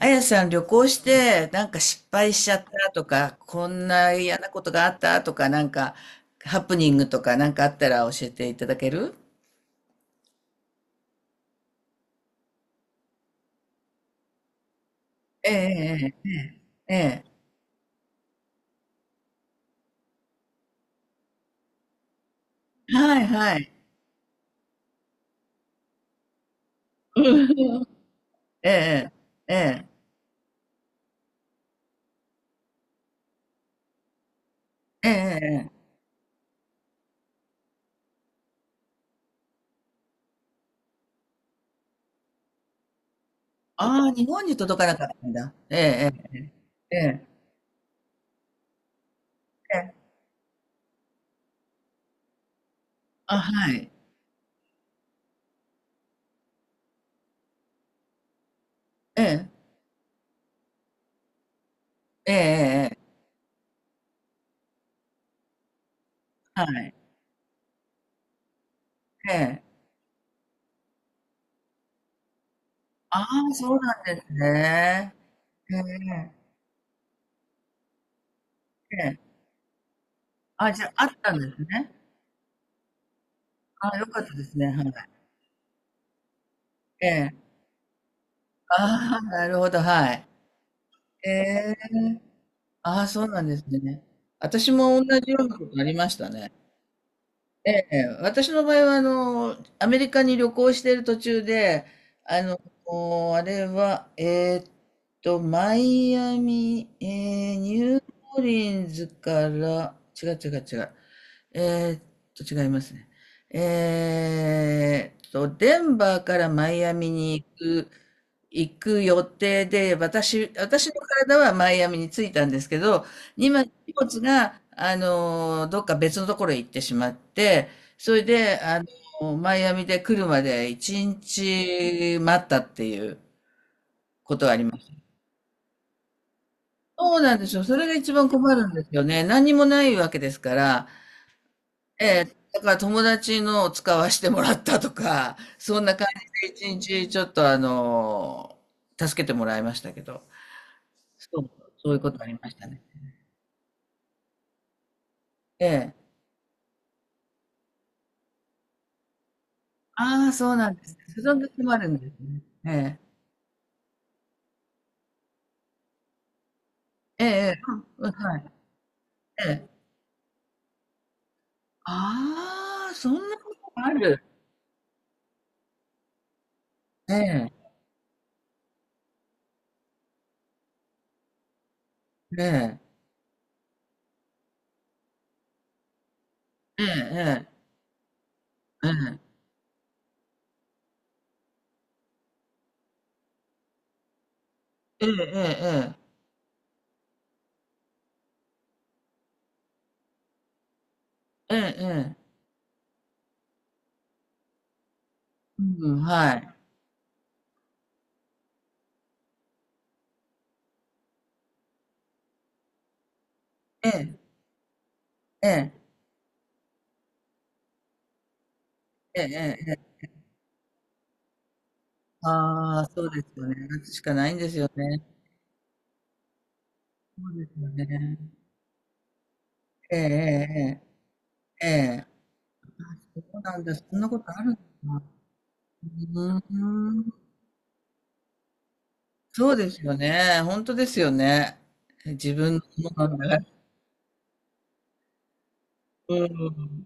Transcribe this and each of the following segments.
あやさん、旅行してなんか失敗しちゃったとか、こんな嫌なことがあったとか、なんかハプニングとかなんかあったら教えていただける？ええ、ええ、ええ、はいはい。うん。ええ、ええ、ええ、ええ。ああ、日本に届かなかったんだ。ええ、ええ、ええ。あ、はい。ええ、ええ、ええ、はい。ええ。ああ、そうなんですね。ええ、ええ。あ、じゃあ、あったんですね。あ、よかったですね。はい。ええ。ああ、なるほど、はい。ええ。ああ、そうなんですね。私も同じようなことありましたね。ええ、私の場合は、アメリカに旅行している途中で、あの、あれは、えーっと、マイアミ、えーニューオーリンズから、違う違う違う、えーっと、違いますね。えーっと、デンバーからマイアミに行く予定で、私の体はマイアミに着いたんですけど、今、荷物が、どっか別のところへ行ってしまって、それで、あの、マイアミで来るまで一日待ったっていう。そうなんですよ。それが一番困るんですよね。何にもないわけですから、ええ、だから友達のを使わせてもらったとか、そんな感じで一日ちょっと助けてもらいましたけど、そう、そういうことありましたね。ええ。ああ、そうなんです。その時もあるんですね。ええ。ええ、ええ。うん、うん、はい。ええ。ああ、そんなことがある。ええ、ええ、ええ、ええ、ええ、ええ、ええ、ええ、ええ、ええ、うん、はい。ええ、ええ、ええ、ええ、ええ、ええ、ええ、ええ、うん、はい、ええ、ええ、ええ、ええ、ええ。ああ、そうですよね。夏しかないんですよね。そうですよね。ええ、ええ、ええ。ええ。そうなんだ、そんなことあるんだ。うーん。そうですよね。本当ですよね。自分のものなんだから。うん。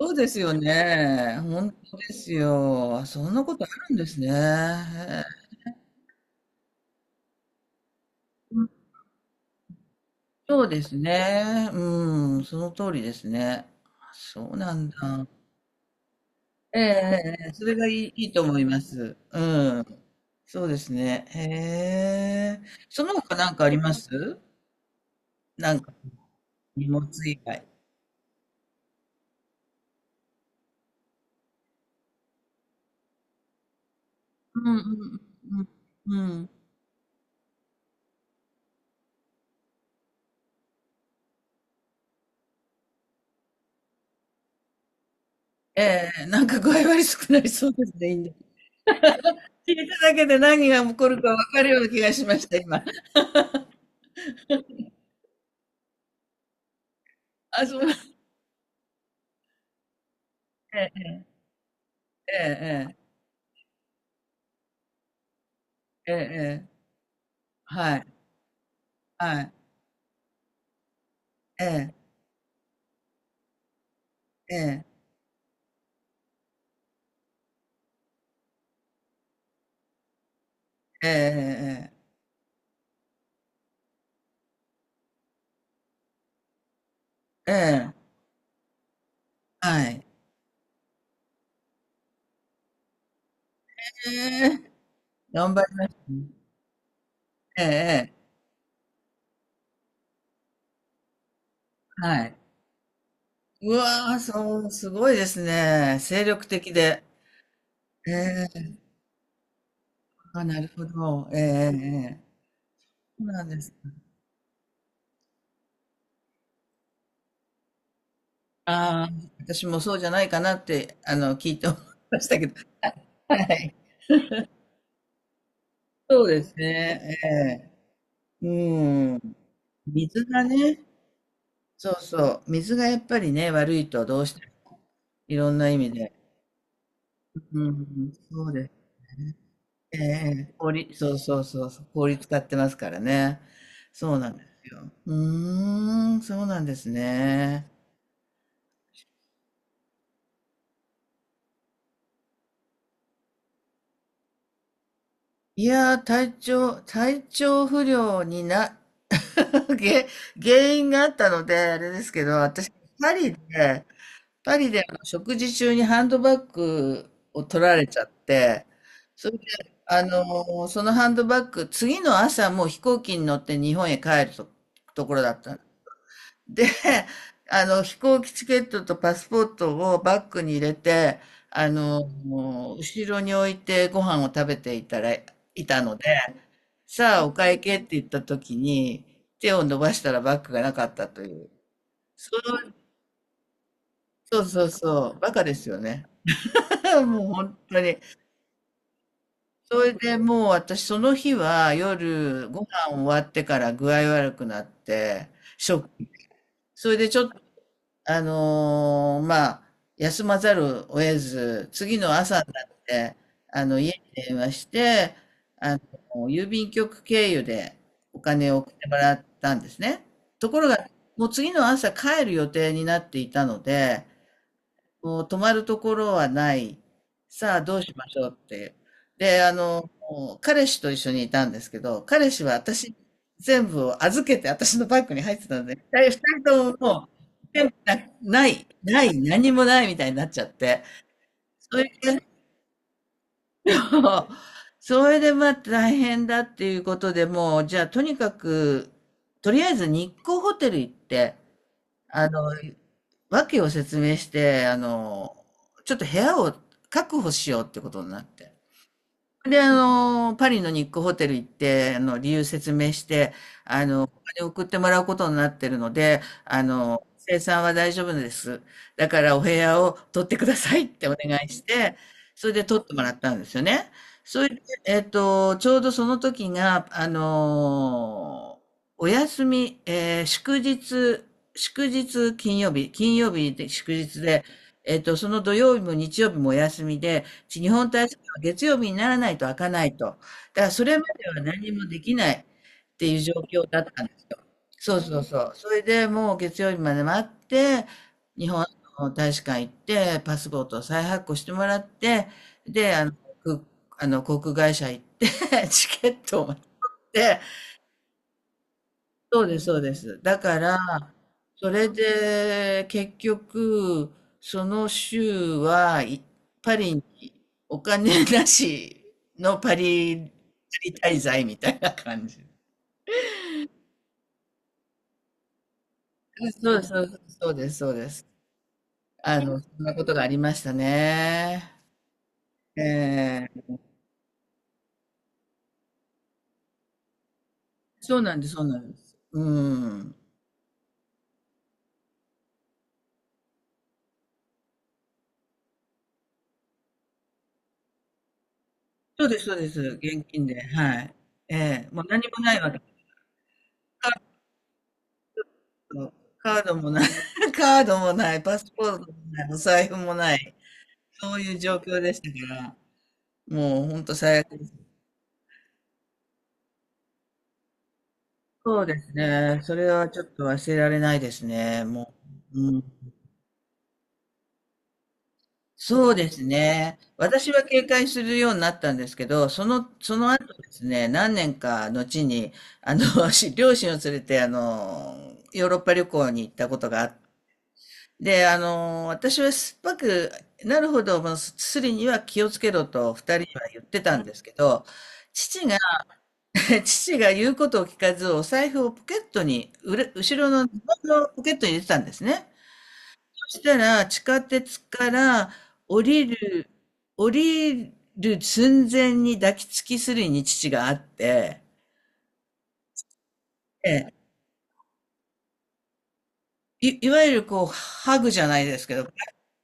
そうですよね。本当ですよ。そんなことあるんですね。へえ。うん、そうですね。うん、その通りですね。あ、そうなんだ。ええ、ええ、ええ、それがいいと思います。うん。そうですね。へえ。その他なんかあります？なんか、荷物以外。うん、うん、うん、うん。うん。ええ、なんか具合悪少なりそうですね、インド。聞いただけで何が起こるかわかるような気がしました、今。あ、そう。ええ、ええ、ええ、ええ、ええ。はい、はい。ええ、ええ、ええ、ええ、ええ。ええ、はい。ええ、頑張りましたね。ええ、ええ、はい。うわ、そう、すごいですね。精力的で。ええ、あ、なるほど。ええ、ええ、ええ。そうなんです。ああ、私もそうじゃないかなって、聞いて思いましたけど。はい。そうですね、ええ。うん。水がね、そうそう、水がやっぱりね、悪いとどうしても、いろんな意味で。うん、うん、そうです。ええ、氷、そうそうそうそう、氷使ってますからね。そうなんですよ。うーん、そうなんですね。いやー、体調不良にげ原因があったので、あれですけど、私、パリでパリで食事中にハンドバッグを取られちゃって、それで、そのハンドバッグ、次の朝もう飛行機に乗って日本へ帰ると、ところだったの。で、飛行機チケットとパスポートをバッグに入れて、あの、後ろに置いてご飯を食べていたら、いたので、さあお会計って言った時に、手を伸ばしたらバッグがなかったという。そう、そうそうそう、バカですよね。もう本当に。それでもう私その日は夜ご飯終わってから具合悪くなって、ショック。それでちょっと、まあ、休まざるを得ず、次の朝になって、家に電話して、あの、郵便局経由でお金を送ってもらったんですね。ところが、もう次の朝帰る予定になっていたので、もう泊まるところはない。さあ、どうしましょうっていう。で、彼氏と一緒にいたんですけど、彼氏は私、全部を預けて私のバッグに入ってたんで、二人とももう、全部な、ない、ない、何もないみたいになっちゃって。それで、それでまあ大変だっていうことでもう、じゃあとにかく、とりあえず日光ホテル行って、あの、訳を説明して、ちょっと部屋を確保しようってことになって。で、パリのニックホテル行って、あの、理由説明して、あの、お金送ってもらうことになってるので、あの、生産は大丈夫です。だからお部屋を取ってくださいってお願いして、それで取ってもらったんですよね。それで、えっと、ちょうどその時が、お休み、祝日、金曜日で祝日で、えっと、その土曜日も日曜日もお休みで、日本大使月曜日にならないと開かないと。だからそれまでは何もできないっていう状況だったんですよ。そうそうそう。それでもう月曜日まで待って、日本の大使館行って、パスポートを再発行してもらって、で、あの航空会社行って、チケットを持って、そうです、そうです。だから、それで結局、その週パリにお金なしパリ、パリ滞在みたいな感じ。そうです、そうです、そうです。そうです。あの、そんなことがありましたね。えー、そうなんです、そうなんです。うん。そうです、そうです。現金で、はい。ええ、もう何もないわけ。そう、カードもない。 カードもない、パスポートもない、お財布もない、そういう状況でしたから、もう本当最悪です。そうですね、それはちょっと忘れられないですね、もう。うん。そうですね。私は警戒するようになったんですけど、その後ですね、何年か後に、あの、両親を連れて、あの、ヨーロッパ旅行に行ったことがあっで、あの、私は酸っぱくなるほど、まあすりには気をつけろと二人には言ってたんですけど、父が、父が言うことを聞かず、お財布をポケットに、後ろのズボンのポケットに入れてたんですね。そしたら、地下鉄から降りる、降りる寸前に抱きつきすりに父があって、ええ、いわゆるこう、ハグじゃないですけど、パッ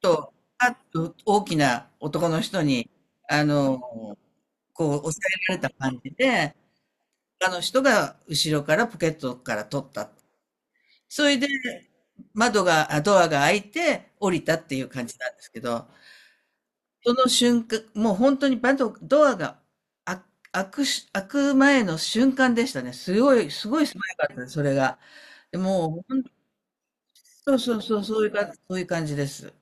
と、パッと大きな男の人に、あの、こう、押さえられた感じで、他の人が後ろからポケットから取った。それで、窓が、あドアが開いて降りたっていう感じなんですけど、その瞬間、もう本当にドアが開開くし、開く前の瞬間でしたね。すごい、すごい素早かったです、それが。でもう、そうそうそう、そういうか、そういう感じです。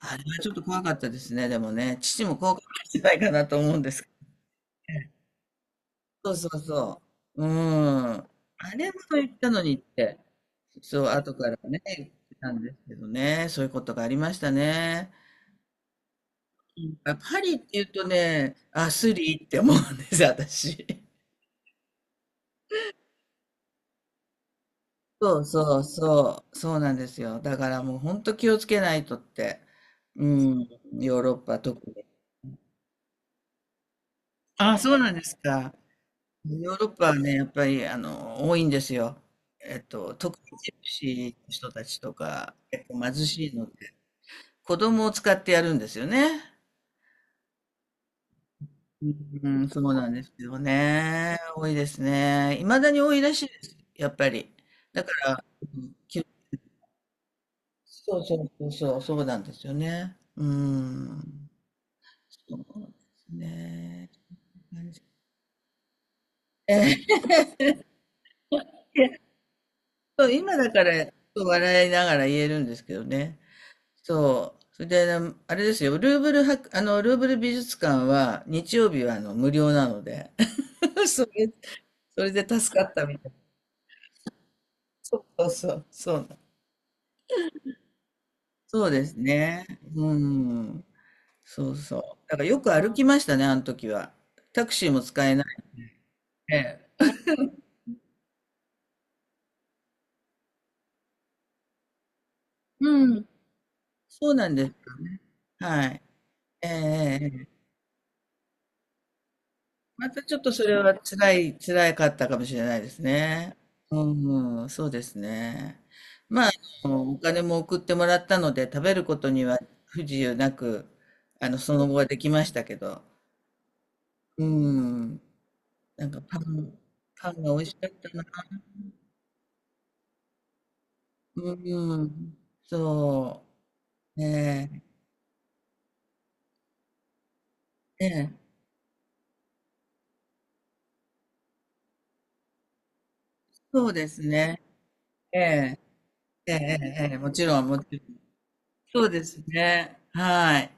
あれはちょっと怖かったですね、でもね。父も怖かったんじゃないかなと思うんですけど。そうそうそう。うん。あれもと言ったのにって、そう、後からね、言ってたんですけどね。そういうことがありましたね。あ、パリって言うとね、あ、スリーって思うんです、私。そうそうそう、そうなんですよ。だからもう本当気をつけないとって。うん、ヨーロッパ特に。あ、そうなんですか。ヨーロッパはね、やっぱりあの多いんですよ。えっと、特にジプシーの人たちとか、結構貧しいので、子供を使ってやるんですよね。うん、そうなんですよね。多いですね。いまだに多いらしいです、やっぱり。だから、うん、そうそうそうそう、そうなんですよね。うん。そうですね。えー、いや、 そう今だから笑いながら言えるんですけどね。そう。それで、あれですよ、ルーブル美術館は日曜日はあの無料なので、それ、それで助かったみたいな。そうそうそう、そう。そうですね。うん。そうそう。だからよく歩きましたね、あの時は。タクシーも使えないで。うん。そうなんです。はい。ええ、またちょっとそれは辛かったかもしれないですね。うん、うん、そうですね。まあ、あのお金も送ってもらったので、食べることには不自由なく、あの、その後はできましたけど。うん。なんかパン、パンが美味しかったな。うん。そう。ねえ。ええ。そうですね。ええ。ええ、ええ、ええ、もちろん、もちろん。そうですね。はい。